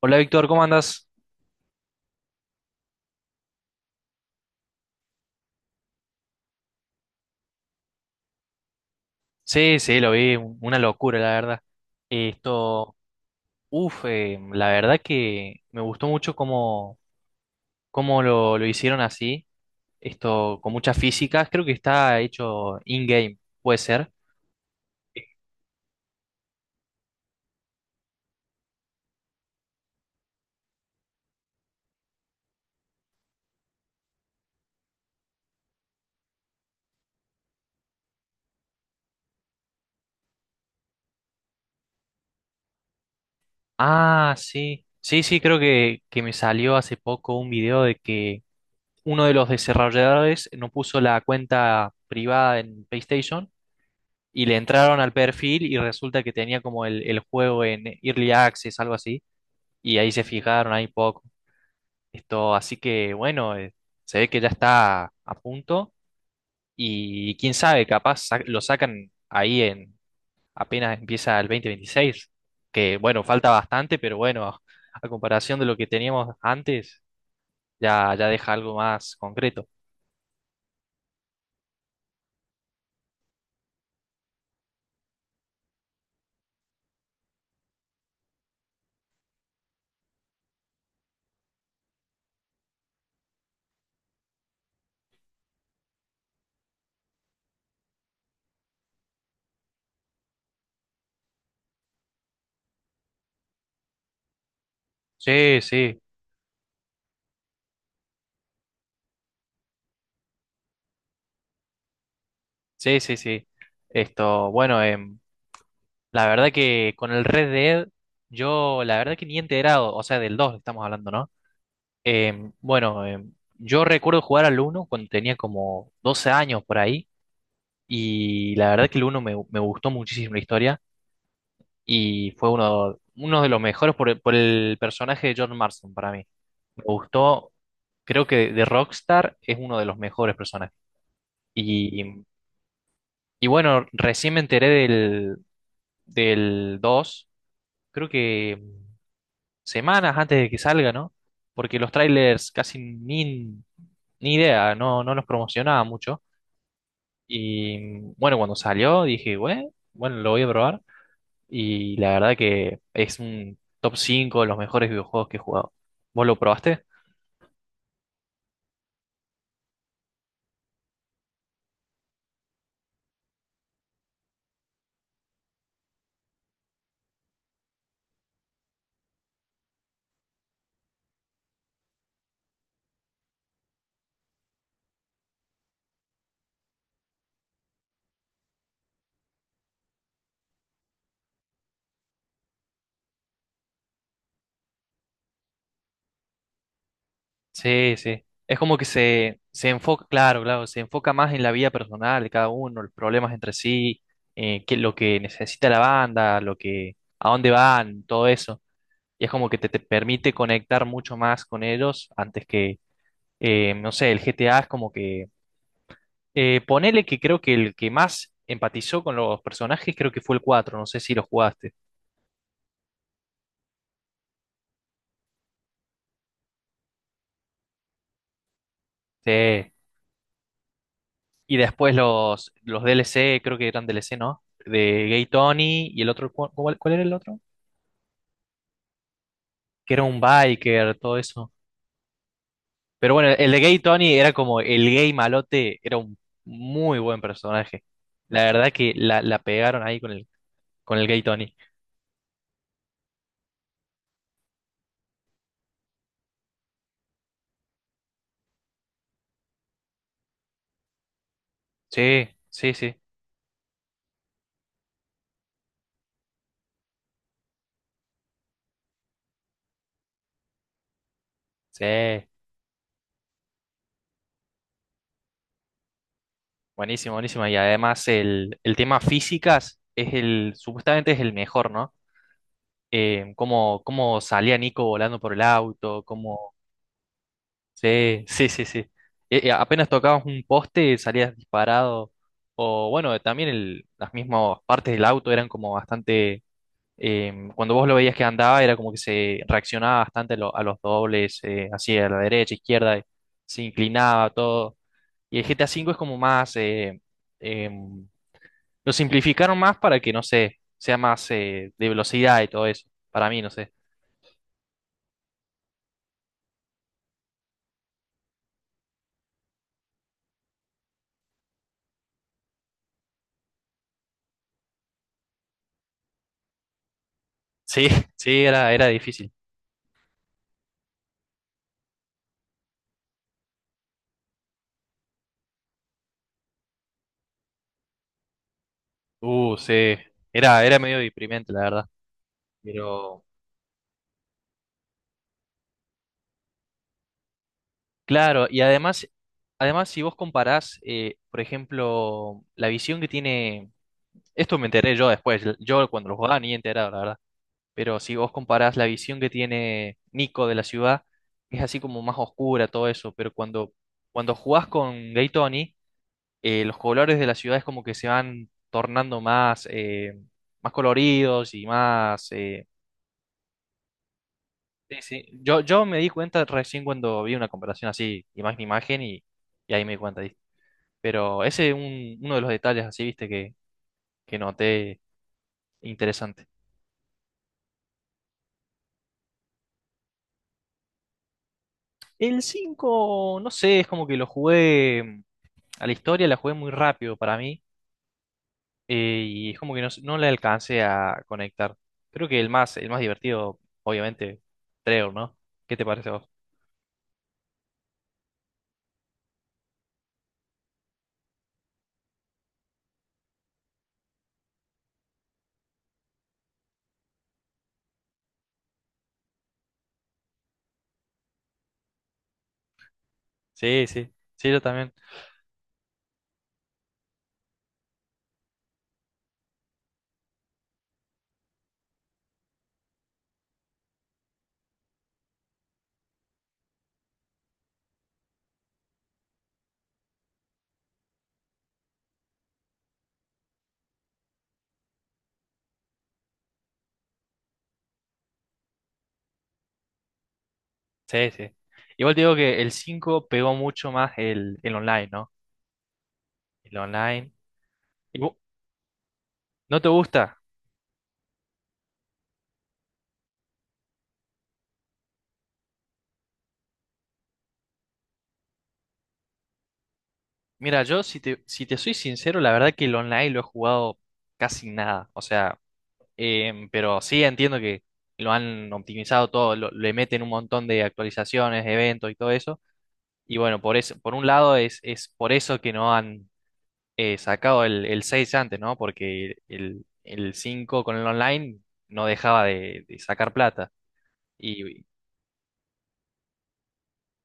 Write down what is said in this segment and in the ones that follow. Hola Víctor, ¿cómo andas? Sí, sí, lo vi, una locura, la verdad. Esto, uff, la verdad que me gustó mucho cómo, cómo lo hicieron así, esto con muchas físicas, creo que está hecho in-game, puede ser. Ah, sí, sí, sí, creo que me salió hace poco un video de que uno de los desarrolladores no puso la cuenta privada en PlayStation y le entraron al perfil y resulta que tenía como el juego en Early Access, algo así. Y ahí se fijaron ahí poco. Así que bueno, se ve que ya está a punto y quién sabe, capaz lo sacan ahí en apenas empieza el 2026, que bueno, falta bastante, pero bueno, a comparación de lo que teníamos antes, ya deja algo más concreto. Sí, sí, sí, sí, sí. Esto, bueno, em, la verdad que con el Red Dead, yo la verdad que ni he enterado, o sea, del 2 estamos hablando, ¿no? Eh, bueno, eh, yo recuerdo jugar al uno cuando tenía como 12 años por ahí y la verdad que el uno me gustó muchísimo la historia y fue uno de los mejores por el personaje de John Marston para mí. Me gustó, creo que de Rockstar es uno de los mejores personajes. Y, y bueno, recién me enteré del 2, creo que semanas antes de que salga, ¿no? Porque los trailers casi ni, ni idea, no, no los promocionaba mucho. Y bueno, cuando salió dije, bueno, bueno, lo voy a probar. Y la verdad que es un top 5 de los mejores videojuegos que he jugado. ¿Vos lo probaste? Sí, sí. Es como que se enfoca, claro, claro, se enfoca más en la vida personal de cada uno, los problemas entre sí, lo que necesita la banda, lo que, a dónde van, todo eso. Y es como que te permite conectar mucho más con ellos antes que, no sé, el GTA es como que ponele que creo que el que más empatizó con los personajes creo que fue el cuatro, no sé si los jugaste. Sí. Y después los D L C, creo que eran D L C, ¿no? De Gay Tony y el otro, ¿cuál, cuál era el otro? Que era un biker, todo eso. Pero bueno, el de Gay Tony era como el gay malote, era un muy buen personaje. La verdad que la pegaron ahí con con el Gay Tony. Sí, sí, sí, sí. Buenísimo, buenísimo. Y además el tema físicas es el, supuestamente es el mejor, ¿no? Cómo, cómo salía Nico volando por el auto, cómo... Sí, sí, sí, sí. Apenas tocabas un poste, salías disparado. O bueno, también las mismas partes del auto eran como bastante... cuando vos lo veías que andaba, era como que se reaccionaba bastante a los dobles, así a la derecha, izquierda, se inclinaba todo. Y el GTA V es como más... em, lo simplificaron más para que, no sé, sea más de velocidad y todo eso. Para mí, no sé. Sí, sí, era, era difícil. Sí. Era, era medio deprimente, la verdad. Pero, claro, y además, además si vos comparás, por ejemplo, la visión que tiene, esto me enteré yo después, yo cuando lo jugaba ni enterado, la verdad, pero si vos comparás la visión que tiene Nico de la ciudad, es así como más oscura, todo eso, pero cuando, cuando jugás con Gay, los colores de las ciudades como que se van tornando más, más coloridos y más... sí, sí. Yo me di cuenta recién cuando vi una comparación así, imagen a imagen, y ahí me di cuenta. ¿Viste? Pero ese es uno de los detalles así, viste, que noté interesante. El 5 no sé, es como que lo jugué a la historia, la jugué muy rápido para mí, y es como que no le alcancé a conectar. Creo que el más divertido, obviamente, Trevor, ¿no? ¿Qué te parece a vos? Sí, sí, sí, yo también. Sí, sí. Igual te digo que el 5 pegó mucho más el online, ¿no? El online. Y vo- ¿No te gusta? Mira, yo si si te soy sincero, la verdad que el online lo he jugado casi nada. O sea, em, pero sí entiendo que lo han optimizado todo, le meten un montón de actualizaciones, eventos y todo eso. Y bueno, por eso, por un lado es por eso que no han sacado el 6 antes, ¿no? Porque el 5 con el online no dejaba de sacar plata. Y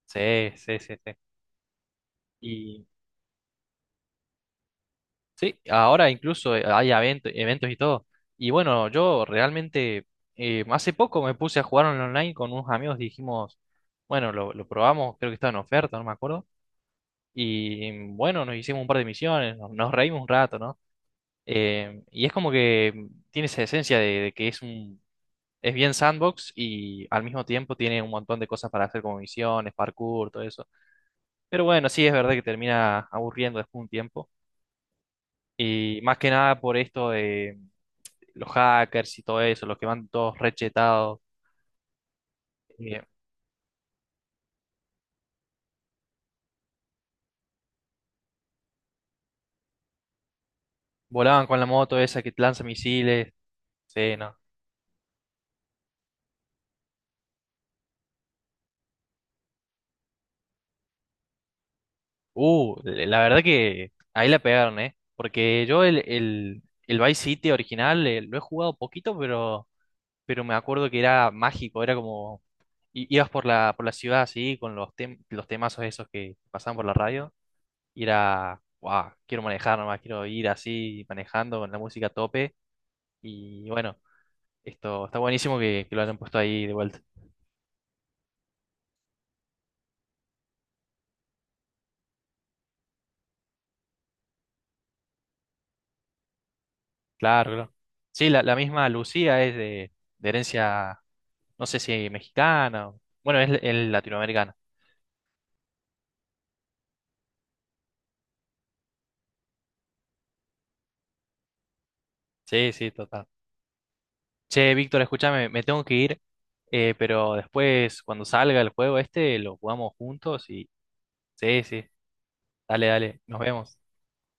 sí, sí, sí, sí. Y sí, ahora incluso hay eventos y todo. Y bueno, yo realmente hace poco me puse a jugar en online con unos amigos, dijimos, bueno, lo probamos, creo que estaba en oferta, no me acuerdo. Y bueno, nos hicimos un par de misiones, nos reímos un rato, ¿no? Y es como que mm, tiene esa esencia de que es un... Es bien sandbox y al mismo tiempo tiene un montón de cosas para hacer como misiones, parkour, todo eso. Pero bueno, sí es verdad que termina aburriendo después de un tiempo. Y más que nada por esto de los hackers y todo eso, los que van todos rechetados. Eh, volaban con la moto esa que lanza misiles. Sí, no. La verdad que ahí la pegaron, ¿eh? Porque yo el Vice City original lo he jugado poquito, pero me acuerdo que era mágico, era como ibas por por la ciudad así, con los, los temazos esos que pasaban por la radio, y era, wow, quiero manejar nomás, quiero ir así manejando con la música a tope, y bueno, esto está buenísimo que lo hayan puesto ahí de vuelta. Claro, claro. Sí, la misma Lucía es de herencia, no sé si mexicana, bueno, es latinoamericana. Sí, sí, total. Che, Víctor, escúchame, me tengo que ir, pero después, cuando salga el juego este, lo jugamos juntos y... Sí, sí, dale, dale, nos vemos.